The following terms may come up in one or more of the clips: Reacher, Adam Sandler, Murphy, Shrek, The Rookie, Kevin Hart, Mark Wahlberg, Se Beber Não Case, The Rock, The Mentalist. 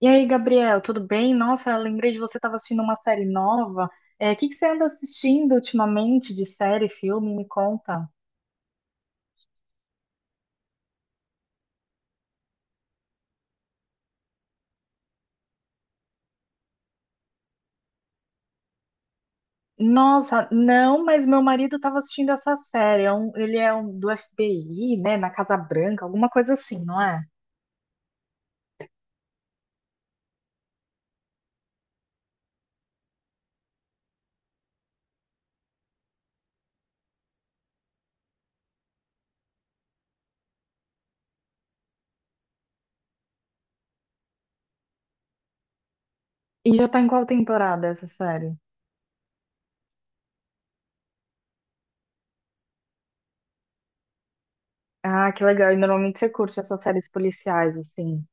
E aí, Gabriel, tudo bem? Nossa, eu lembrei de você estava assistindo uma série nova. É, o que que você anda assistindo ultimamente de série, filme? Me conta. Nossa, não, mas meu marido estava assistindo essa série. Ele é um, do FBI, né? Na Casa Branca, alguma coisa assim, não é? E já tá em qual temporada essa série? Ah, que legal. E normalmente você curte essas séries policiais, assim.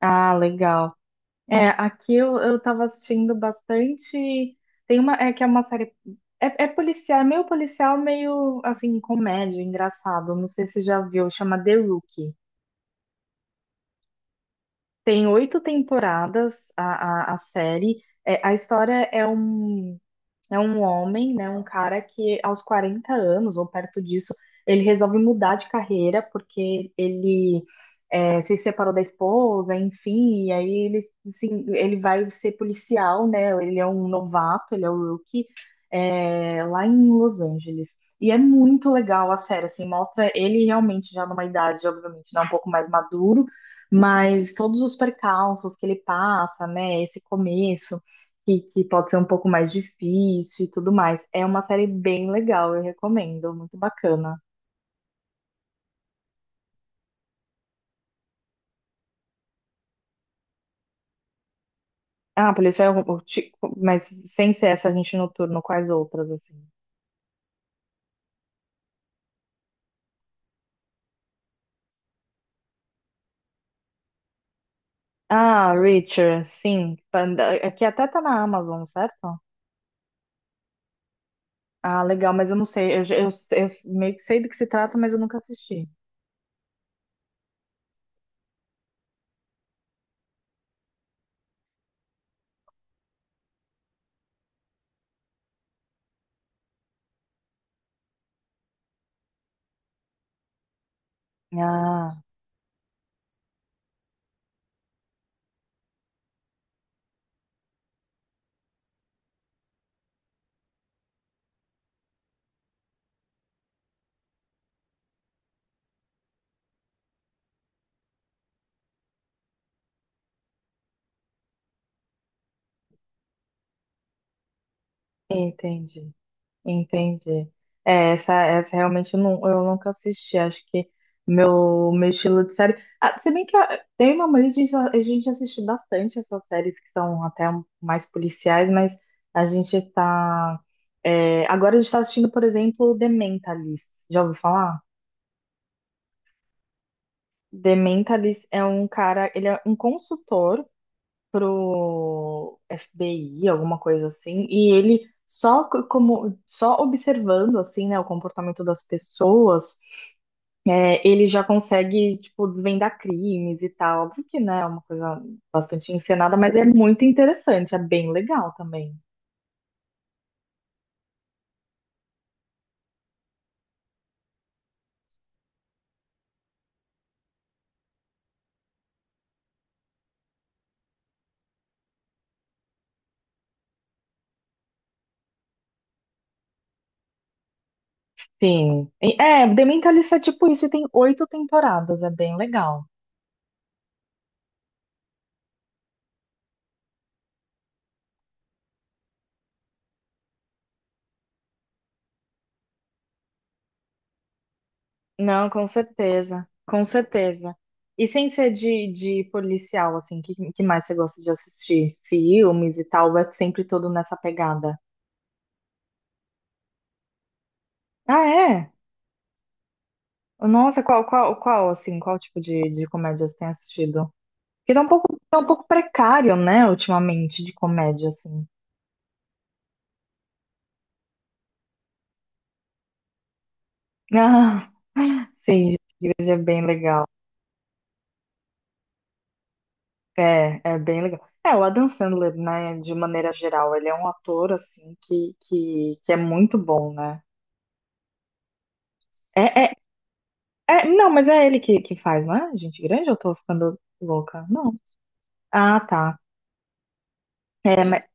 Ah, legal. É, aqui eu tava assistindo bastante. Tem uma, é que é uma série. É, é policial, é meio policial, meio assim, comédia, engraçado. Não sei se você já viu, chama The Rookie. Tem oito temporadas a série. É, a história é um. É um homem, né, um cara que aos 40 anos ou perto disso, ele resolve mudar de carreira porque se separou da esposa, enfim, e aí ele, assim, ele vai ser policial, né? Ele é um novato, ele é o rookie, é, lá em Los Angeles. E é muito legal a série, assim, mostra ele realmente já numa idade, obviamente, né, um pouco mais maduro, mas todos os percalços que ele passa, né, esse começo que pode ser um pouco mais difícil e tudo mais. É uma série bem legal, eu recomendo, muito bacana. Ah, policial, mas sem ser essa gente noturno, quais outras assim? Ah, Reacher, sim, Panda- aqui até tá na Amazon, certo? Ah, legal, mas eu não sei, eu meio que sei do que se trata, mas eu nunca assisti. Ah, entendi. Entendi. É, essa realmente eu, não, eu nunca assisti. Acho que meu estilo de série. Ah, se bem que eu tenho uma mania de a gente assistir bastante essas séries que são até mais policiais, mas a gente tá. É, agora a gente tá assistindo, por exemplo, The Mentalist. Já ouviu falar? The Mentalist é um cara, ele é um consultor pro FBI, alguma coisa assim, e ele como só observando assim, né, o comportamento das pessoas, é, ele já consegue tipo desvendar crimes e tal. Óbvio que, né, é uma coisa bastante encenada, mas é muito interessante, é bem legal também. Sim. É, The Mentalist é tipo isso e tem oito temporadas, é bem legal. Não, com certeza, com certeza. E sem ser de policial, assim, que mais você gosta de assistir? Filmes e tal, é sempre todo nessa pegada. Ah, é? Nossa, qual tipo de comédia você tem assistido? Porque tá um pouco precário, né, ultimamente, de comédia, assim. Ah, sim, gente, Igreja é bem legal. É, é bem legal. É, o Adam Sandler, né, de maneira geral, ele é um ator, assim, que é muito bom, né? É, é, não, mas é ele que faz, não é? Gente grande, eu tô ficando louca. Não. Ah, tá. É, mas-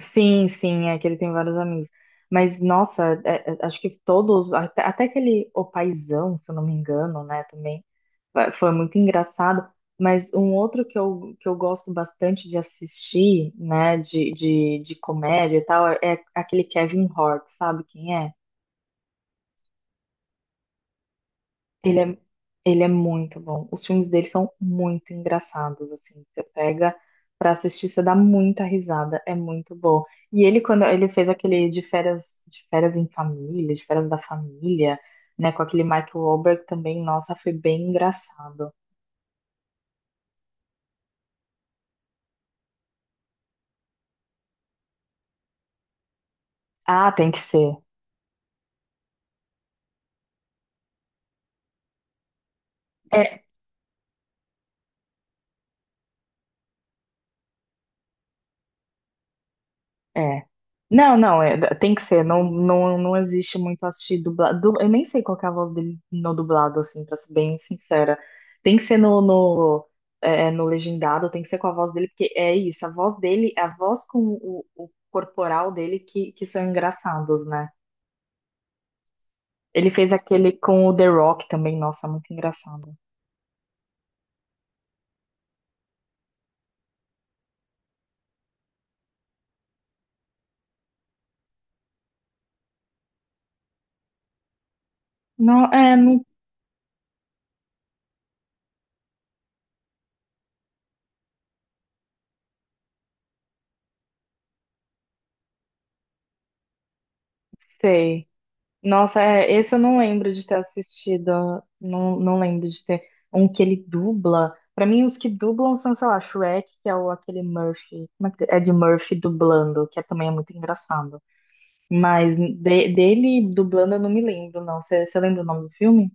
sim, sim, é que ele tem vários amigos. Mas, nossa, é, é, acho que todos, até aquele O Paizão, se eu não me engano, né, também, foi muito engraçado. Mas um outro que eu gosto bastante de assistir, né, de comédia e tal, é aquele Kevin Hart, sabe quem é? Ele é, ele é muito bom. Os filmes dele são muito engraçados, assim. Você pega pra assistir, você dá muita risada, é muito bom. E ele, quando ele fez aquele de férias da família, né, com aquele Mark Wahlberg também, nossa, foi bem engraçado. Ah, tem que ser. É, É. Não, é- tem que ser. Não, não, não existe muito assistir dublado. Eu nem sei qual que é a voz dele no dublado, assim, pra ser bem sincera. Tem que ser no legendado, tem que ser com a voz dele, porque é isso, a voz dele, a voz com o corporal dele que são engraçados, né? Ele fez aquele com o The Rock também, nossa, muito engraçado. Não sei. Nossa, é, esse eu não lembro de ter assistido. Não, não lembro de ter um que ele dubla. Pra mim, os que dublam são, sei lá, Shrek, que é o, aquele Murphy. Como é que é de Murphy dublando, que é, também é muito engraçado. Mas dele dublando eu não me lembro, não. Você lembra o nome do filme?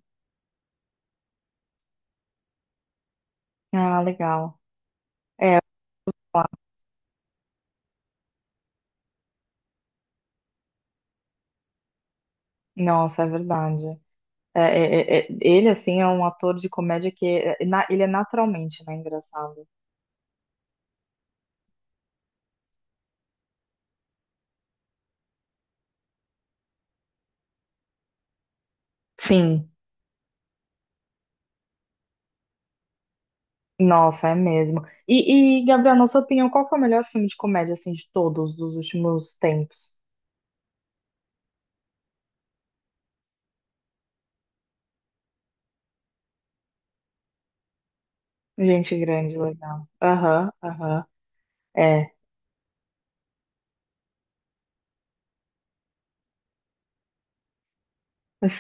Ah, legal. Nossa, é verdade. Ele, assim, é um ator de comédia que é- é na- ele é naturalmente, né, engraçado. Sim. Nossa, é mesmo. Gabriel, na sua opinião, qual que é o melhor filme de comédia, assim, de todos, dos últimos tempos? Gente grande, legal. Aham, aham. É,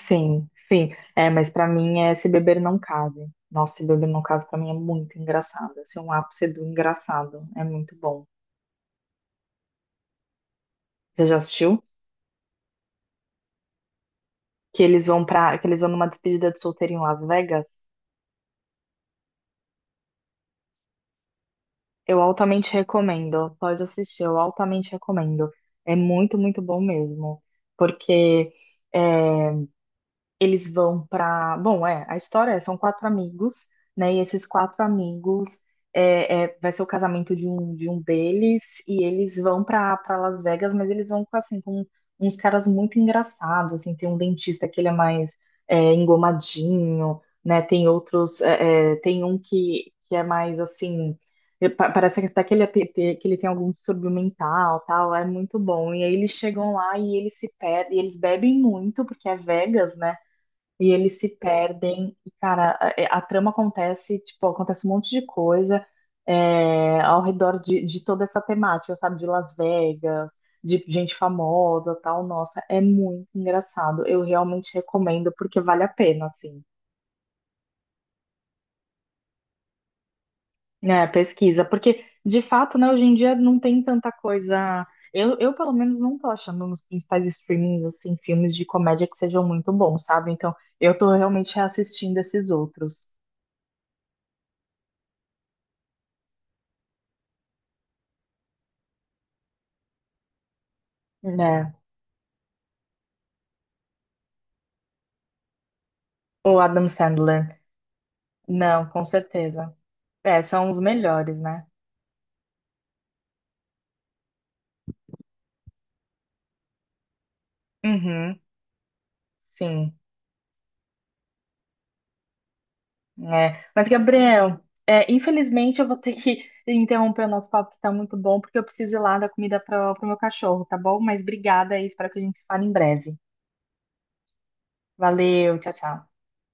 sim, sim. É, mas pra mim é Se Beber Não Case. Nossa, Se Beber Não Case pra mim é muito engraçado. Assim, é um ápice do engraçado. É muito bom. Você já assistiu? Que eles vão numa despedida de solteiro em Las Vegas? Eu altamente recomendo. Pode assistir, eu altamente recomendo. É muito, muito bom mesmo. Porque eh, eles vão para. Bom, é, a história é, são quatro amigos, né? E esses quatro amigos vai ser o casamento de um deles, e eles vão para Las Vegas, mas eles vão com, assim, com uns caras muito engraçados, assim, tem um dentista que ele é mais é, engomadinho, né? Tem outros, tem um que é mais assim. Parece que até que ele, é te- te- que ele tem algum distúrbio mental, tal, é muito bom. E aí eles chegam lá e eles se perdem, e eles bebem muito, porque é Vegas, né? E eles se perdem, e, cara, a trama acontece, tipo, acontece um monte de coisa é, ao redor de toda essa temática, sabe? De Las Vegas, de gente famosa, tal. Nossa, é muito engraçado. Eu realmente recomendo, porque vale a pena, assim, né? Pesquisa. Porque, de fato, né, hoje em dia não tem tanta coisa. Pelo menos, não tô achando nos principais streamings, assim, filmes de comédia que sejam muito bons, sabe? Então, eu tô realmente reassistindo esses outros. Né. O Adam Sandler. Não, com certeza. É, são os melhores, né? Uhum, sim. É. Mas, Gabriel, é, infelizmente eu vou ter que interromper o nosso papo, que tá muito bom, porque eu preciso ir lá dar comida para o meu cachorro, tá bom? Mas obrigada aí, espero que a gente se fale em breve. Valeu, tchau, tchau.